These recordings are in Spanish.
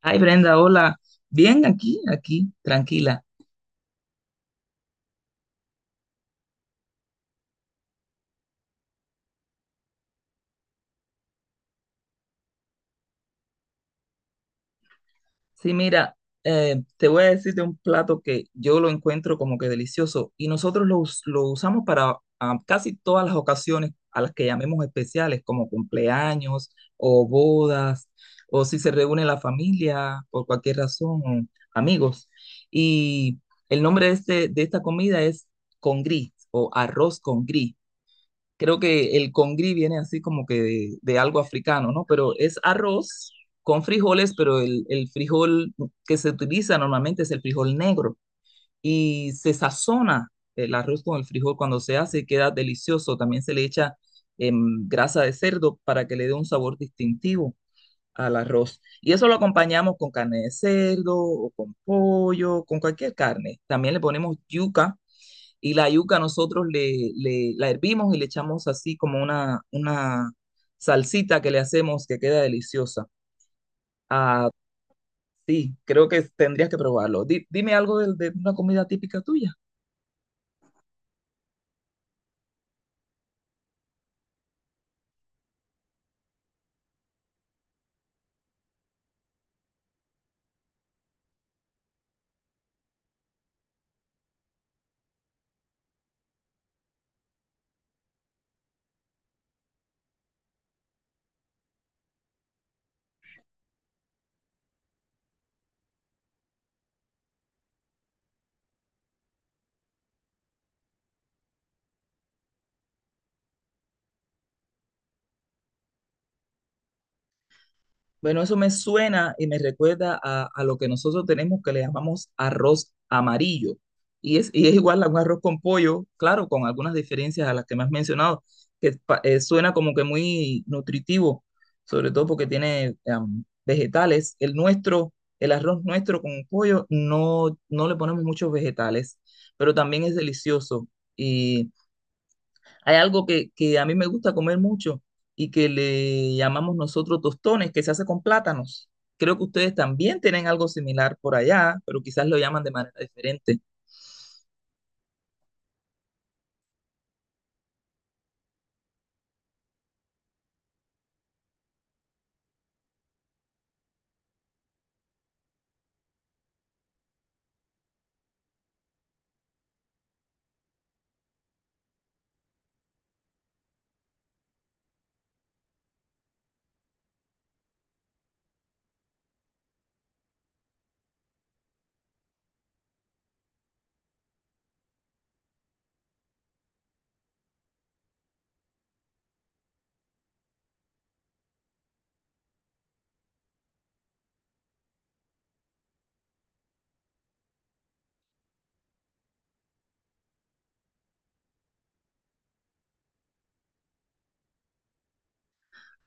Ay, Brenda, hola. Bien, aquí, tranquila. Sí, mira, te voy a decir de un plato que yo lo encuentro como que delicioso y lo usamos para casi todas las ocasiones a las que llamemos especiales, como cumpleaños o bodas, o si se reúne la familia por cualquier razón, o amigos. Y el nombre de esta comida es con gris o arroz con gris. Creo que el congri viene así como que de algo africano, ¿no? Pero es arroz con frijoles, pero el frijol que se utiliza normalmente es el frijol negro y se sazona el arroz con el frijol cuando se hace y queda delicioso. También se le echa grasa de cerdo para que le dé un sabor distintivo al arroz. Y eso lo acompañamos con carne de cerdo o con pollo, con cualquier carne. También le ponemos yuca y la yuca nosotros la hervimos y le echamos así como una salsita que le hacemos que queda deliciosa. Ah, sí, creo que tendrías que probarlo. Dime algo de una comida típica tuya. Bueno, eso me suena y me recuerda a lo que nosotros tenemos que le llamamos arroz amarillo. Y es igual a un arroz con pollo, claro, con algunas diferencias a las que me has mencionado, que suena como que muy nutritivo, sobre todo porque tiene vegetales. El nuestro, el arroz nuestro con pollo, no, no le ponemos muchos vegetales, pero también es delicioso. Hay algo que a mí me gusta comer mucho y que le llamamos nosotros tostones, que se hace con plátanos. Creo que ustedes también tienen algo similar por allá, pero quizás lo llaman de manera diferente.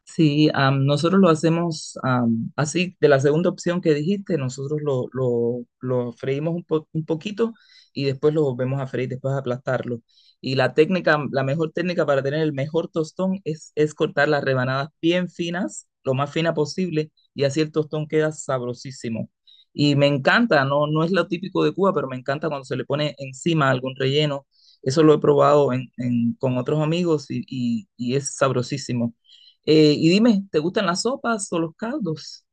Sí, nosotros lo hacemos así, de la segunda opción que dijiste, nosotros lo freímos un poquito y después lo volvemos a freír, después aplastarlo. Y la técnica, la mejor técnica para tener el mejor tostón es cortar las rebanadas bien finas, lo más fina posible, y así el tostón queda sabrosísimo. Y me encanta, no, no es lo típico de Cuba, pero me encanta cuando se le pone encima algún relleno. Eso lo he probado con otros amigos y, y es sabrosísimo. Y dime, ¿te gustan las sopas o los caldos?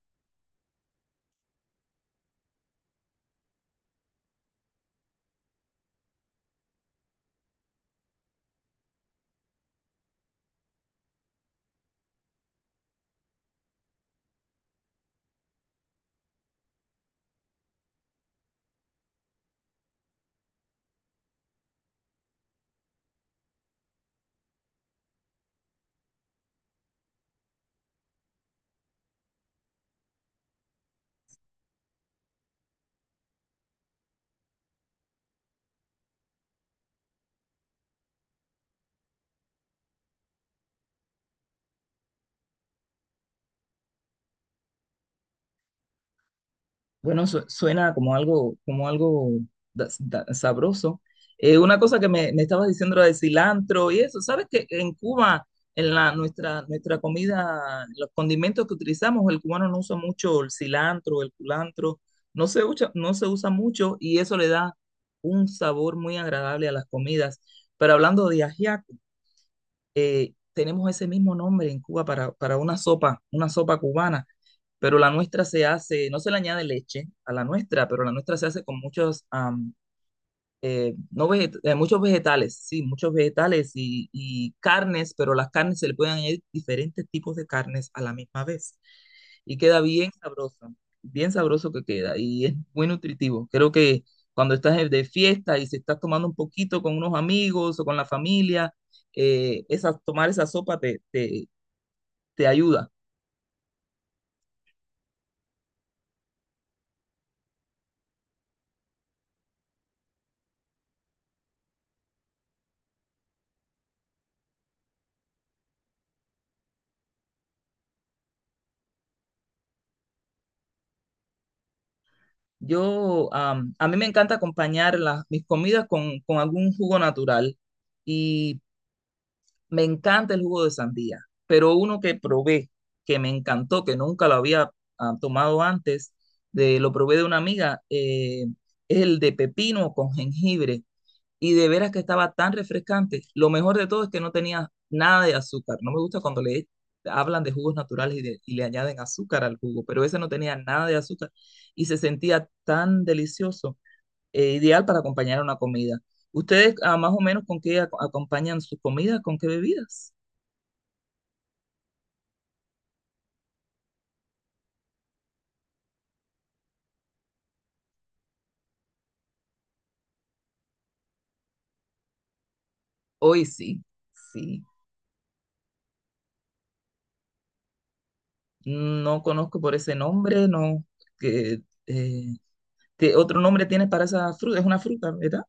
Bueno, suena como algo sabroso. Una cosa que me estabas diciendo era de cilantro y eso. ¿Sabes que en Cuba, en nuestra comida, los condimentos que utilizamos, el cubano no usa mucho el cilantro, el culantro, no se usa, no se usa mucho y eso le da un sabor muy agradable a las comidas. Pero hablando de ajiaco, tenemos ese mismo nombre en Cuba para una sopa cubana, pero la nuestra se hace, no se le añade leche a la nuestra, pero la nuestra se hace con muchos, am, no veget- muchos vegetales, sí, muchos vegetales y carnes, pero las carnes se le pueden añadir diferentes tipos de carnes a la misma vez y queda bien sabroso que queda y es muy nutritivo. Creo que cuando estás de fiesta y se estás tomando un poquito con unos amigos o con la familia, esa, tomar esa sopa te ayuda. Yo, a mí me encanta acompañar las, mis comidas con algún jugo natural y me encanta el jugo de sandía, pero uno que probé, que me encantó, que nunca lo había tomado antes, de, lo probé de una amiga, es el de pepino con jengibre y de veras que estaba tan refrescante. Lo mejor de todo es que no tenía nada de azúcar. No me gusta cuando le hablan de jugos naturales y y le añaden azúcar al jugo, pero ese no tenía nada de azúcar y se sentía tan delicioso, ideal para acompañar una comida. ¿Ustedes más o menos con qué acompañan sus comidas? ¿Con qué bebidas? Hoy sí, sí. No conozco por ese nombre, no. Que, ¿qué otro nombre tiene para esa fruta? Es una fruta, ¿verdad?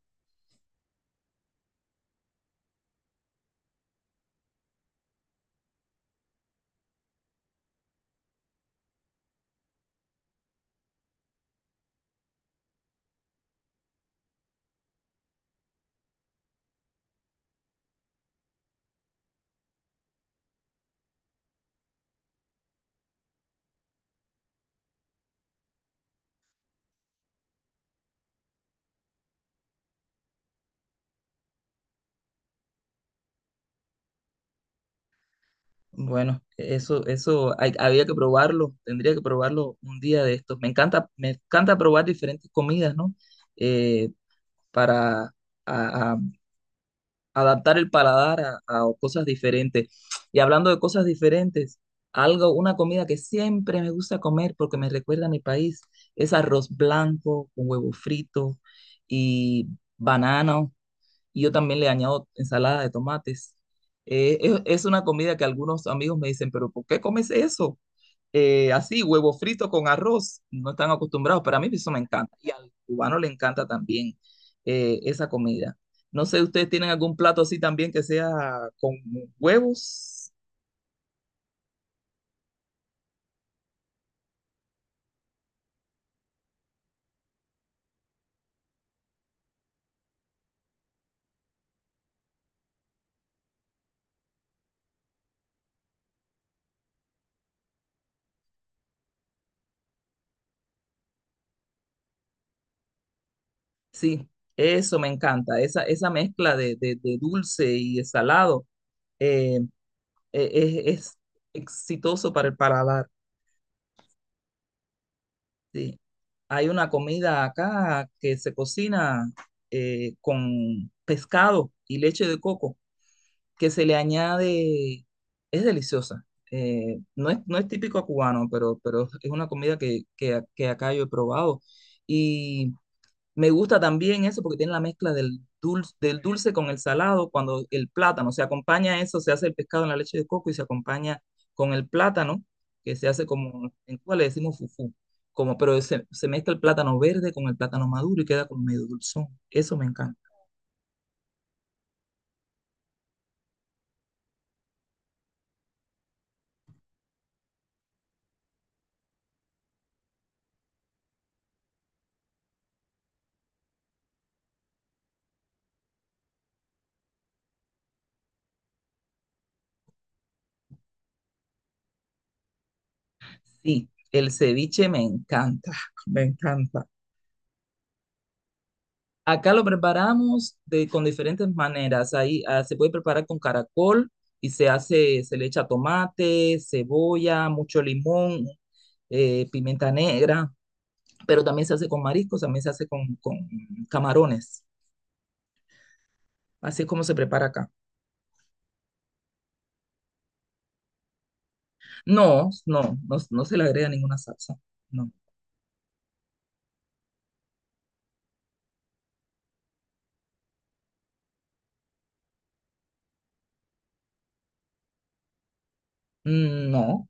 Bueno, eso había que probarlo, tendría que probarlo un día de estos. Me encanta probar diferentes comidas, ¿no? Eh, para a- a- adaptar el paladar a cosas diferentes. Y hablando de cosas diferentes, algo, una comida que siempre me gusta comer porque me recuerda a mi país, es arroz blanco con huevo frito y banano y yo también le añado ensalada de tomates. Es una comida que algunos amigos me dicen, pero ¿por qué comes eso? Así, huevo frito con arroz, no están acostumbrados, pero a mí eso me encanta y al cubano le encanta también esa comida. No sé, ¿ustedes tienen algún plato así también que sea con huevos? Sí, eso me encanta, esa mezcla de dulce y de salado, eh, es exitoso para el paladar. Sí. Hay una comida acá que se cocina con pescado y leche de coco, que se le añade, es deliciosa. No es típico cubano, pero es una comida que acá yo he probado. Y me gusta también eso porque tiene la mezcla del dulce con el salado, cuando el plátano se acompaña a eso, se hace el pescado en la leche de coco y se acompaña con el plátano, que se hace como, en Cuba le decimos fufú, como, pero se mezcla el plátano verde con el plátano maduro y queda como medio dulzón. Eso me encanta. Sí, el ceviche me encanta, me encanta. Acá lo preparamos de, con diferentes maneras. Ahí se puede preparar con caracol y se hace, se le echa tomate, cebolla, mucho limón, pimienta negra, pero también se hace con mariscos, también se hace con camarones. Así es como se prepara acá. No, no, no, no se le agrega ninguna salsa. No, mm, no.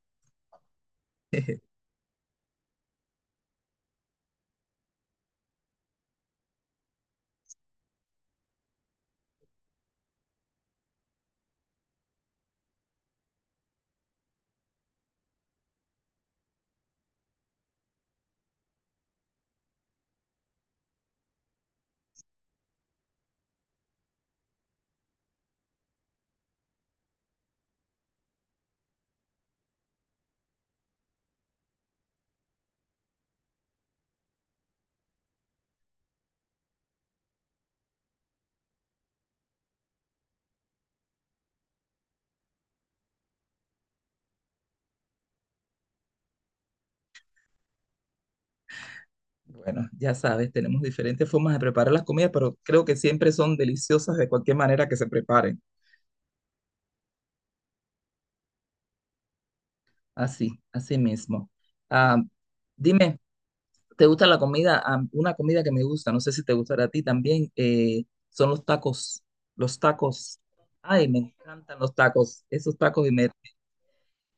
Bueno, ya sabes, tenemos diferentes formas de preparar las comidas, pero creo que siempre son deliciosas de cualquier manera que se preparen. Así, así mismo. Ah, dime, ¿te gusta la comida? Ah, una comida que me gusta, no sé si te gustará a ti también, son los tacos. Los tacos. Ay, me encantan los tacos. Esos tacos y me,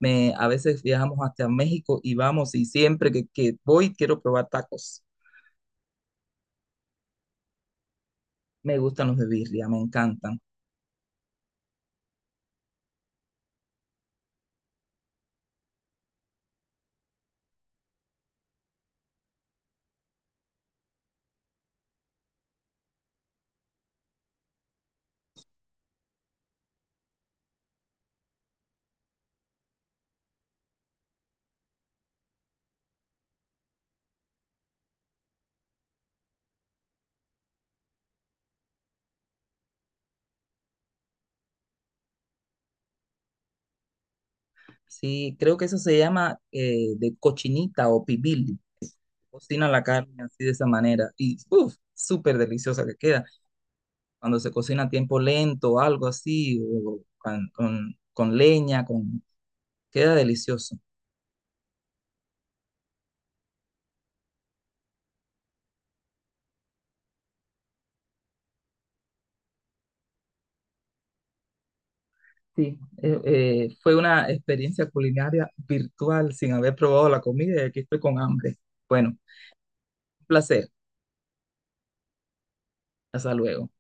me- a veces viajamos hasta México y vamos y siempre que voy quiero probar tacos. Me gustan los de birria, me encantan. Sí, creo que eso se llama de cochinita o pibil. Cocina la carne así de esa manera y uff, súper deliciosa que queda. Cuando se cocina a tiempo lento algo así, o con, con leña, con... queda delicioso. Sí, fue una experiencia culinaria virtual sin haber probado la comida y aquí estoy con hambre. Bueno, un placer. Hasta luego.